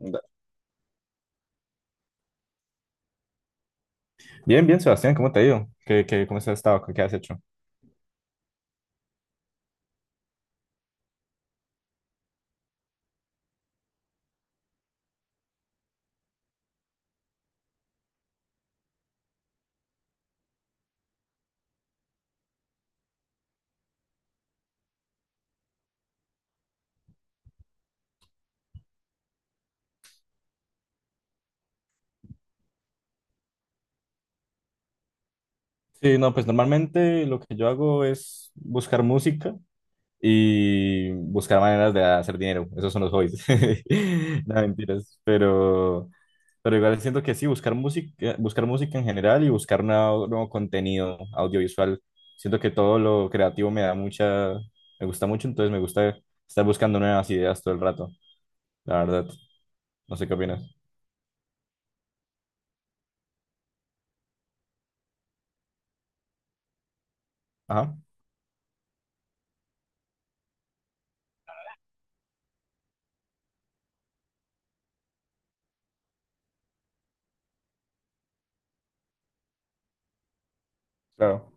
Da- Bien, bien, Sebastián, ¿cómo te ha ido? Cómo has estado? ¿Qué has hecho? Sí, no, pues normalmente lo que yo hago es buscar música y buscar maneras de hacer dinero. Esos son los hobbies. No, mentiras. Pero igual siento que sí, buscar música en general y buscar nuevo contenido audiovisual. Siento que todo lo creativo me da me gusta mucho, entonces me gusta estar buscando nuevas ideas todo el rato, la verdad. No sé qué opinas. Ajá. Claro,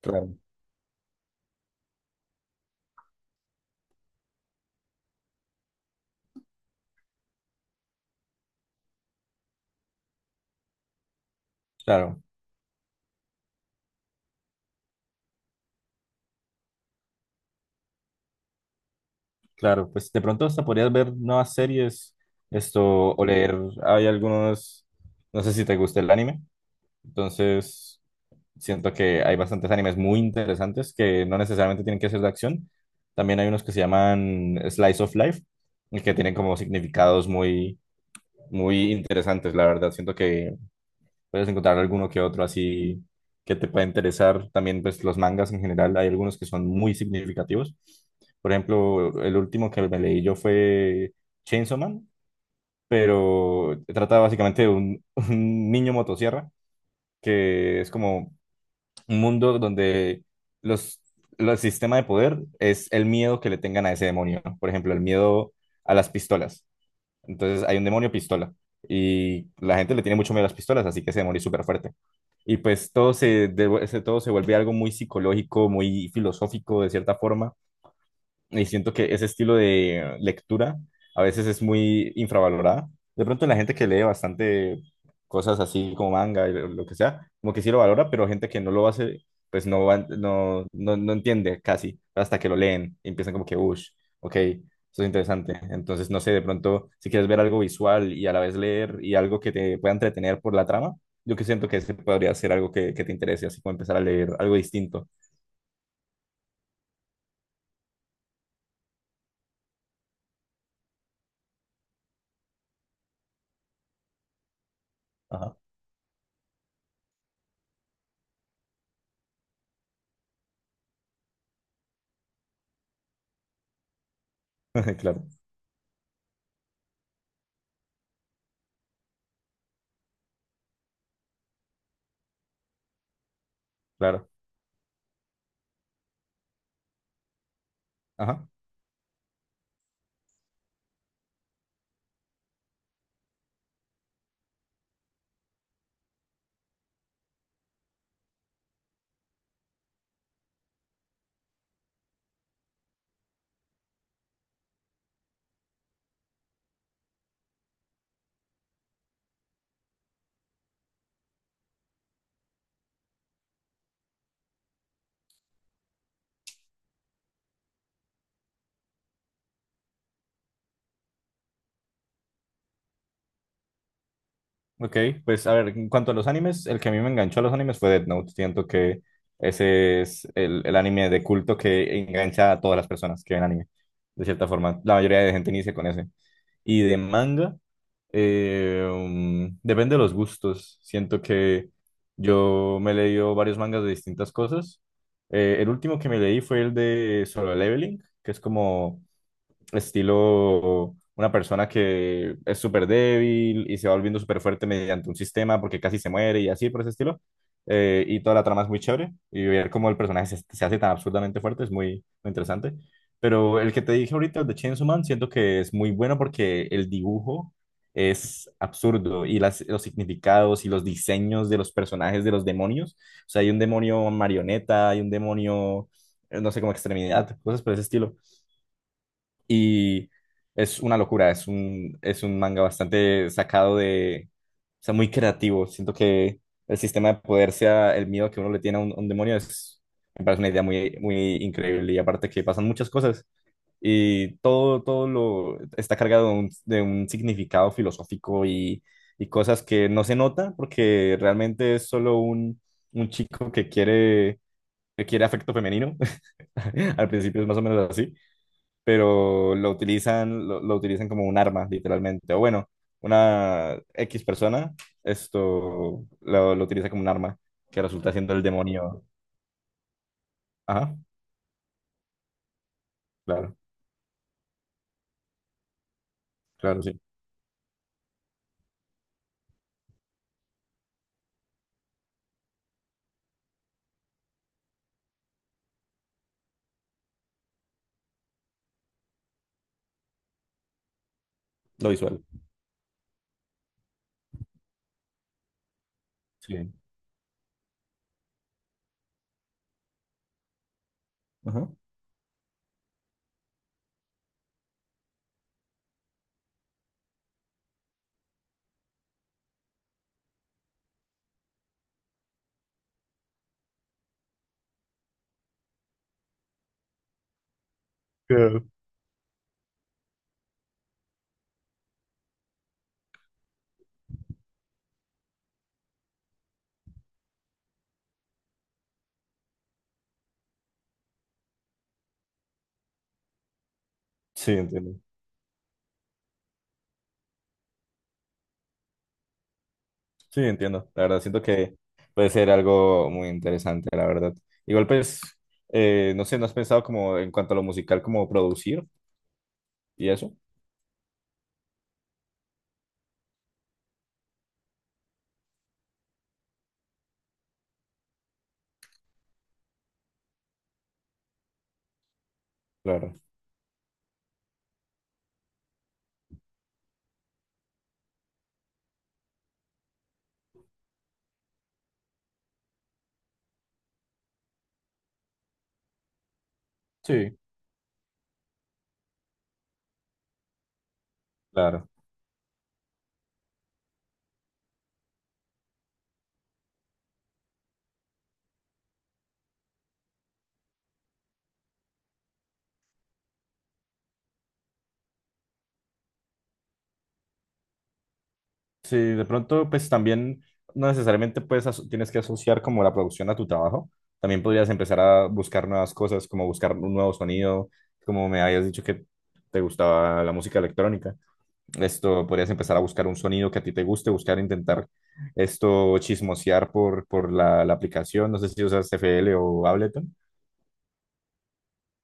claro. Claro. Claro, pues de pronto hasta podrías ver nuevas series, esto, o leer, hay algunos, no sé si te gusta el anime, entonces siento que hay bastantes animes muy interesantes que no necesariamente tienen que ser de acción, también hay unos que se llaman Slice of Life y que tienen como significados muy interesantes, la verdad, siento que puedes encontrar alguno que otro así que te pueda interesar. También, pues, los mangas en general, hay algunos que son muy significativos. Por ejemplo, el último que me leí yo fue Chainsaw Man, pero trata básicamente de un niño motosierra, que es como un mundo donde los, los sistema de poder es el miedo que le tengan a ese demonio. ¿No? Por ejemplo, el miedo a las pistolas. Entonces hay un demonio pistola y la gente le tiene mucho miedo a las pistolas, así que ese demonio es súper fuerte. Y pues todo todo se vuelve algo muy psicológico, muy filosófico de cierta forma, y siento que ese estilo de lectura a veces es muy infravalorada. De pronto la gente que lee bastante cosas así como manga y lo que sea, como que sí lo valora, pero gente que no lo hace, pues no, no entiende casi hasta que lo leen y empiezan como que, uff, ok, eso es interesante. Entonces, no sé, de pronto si quieres ver algo visual y a la vez leer y algo que te pueda entretener por la trama, yo que siento que ese podría ser algo que te interese, así como empezar a leer algo distinto. Ajá, claro, claro. Ajá. Ok, pues a ver, en cuanto a los animes, el que a mí me enganchó a los animes fue Death Note. Siento que ese es el anime de culto que engancha a todas las personas que ven anime, de cierta forma. La mayoría de gente inicia con ese. Y de manga, depende de los gustos. Siento que yo me he leído varios mangas de distintas cosas. El último que me leí fue el de Solo Leveling, que es como estilo una persona que es súper débil y se va volviendo súper fuerte mediante un sistema porque casi se muere y así por ese estilo. Y toda la trama es muy chévere y ver cómo el personaje se hace tan absurdamente fuerte es muy, muy interesante. Pero el que te dije ahorita, el de Chainsaw Man, siento que es muy bueno porque el dibujo es absurdo y los significados y los diseños de los personajes de los demonios. O sea, hay un demonio marioneta, hay un demonio, no sé, como extremidad, cosas por ese estilo. Y es una locura, es un manga bastante sacado de, o sea, muy creativo. Siento que el sistema de poder sea el miedo que uno le tiene a a un demonio, es, me parece una idea muy, muy increíble. Y aparte que pasan muchas cosas y todo, todo lo está cargado de de un significado filosófico y cosas que no se nota porque realmente es solo un chico que que quiere afecto femenino. Al principio es más o menos así pero lo utilizan, lo utilizan como un arma, literalmente. O bueno, una X persona, esto lo utiliza como un arma, que resulta siendo el demonio. Ajá, claro, claro, sí. Lo visual. Sí. Ajá. Claro. Sí, entiendo. Sí, entiendo. La verdad, siento que puede ser algo muy interesante, la verdad. Igual, pues, no sé, ¿no has pensado como en cuanto a lo musical, como producir y eso? Claro. Sí. Claro. Sí, de pronto, pues también no necesariamente tienes que asociar como la producción a tu trabajo. También podrías empezar a buscar nuevas cosas, como buscar un nuevo sonido, como me habías dicho que te gustaba la música electrónica. Esto, podrías empezar a buscar un sonido que a ti te guste, buscar, intentar esto, chismosear por la aplicación. No sé si usas FL o Ableton.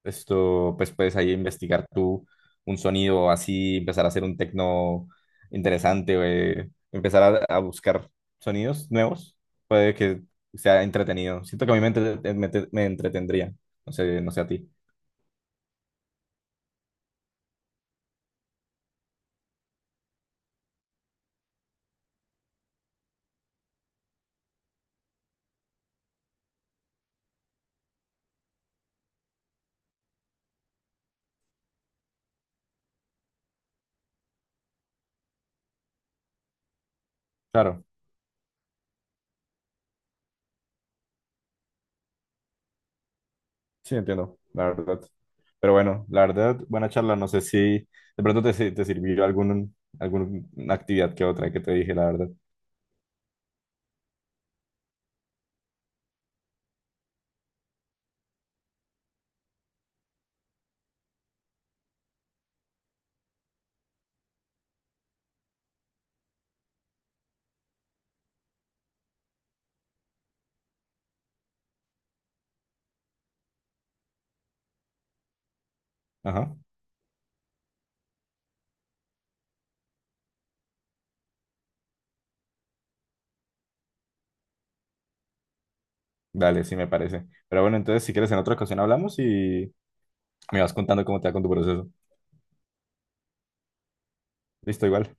Esto, pues puedes ahí investigar tú un sonido así, empezar a hacer un tecno interesante, empezar a buscar sonidos nuevos, puede que sea entretenido. Siento que a mí me entretendría, no sé, no sé a ti. Claro, sí, entiendo, la verdad. Pero bueno, la verdad, buena charla, no sé si de pronto te, si- te sirvió algún, alguna actividad que otra que te dije, la verdad. Ajá, dale, sí me parece. Pero bueno, entonces si quieres en otra ocasión hablamos y me vas contando cómo te va con tu proceso. Listo, igual.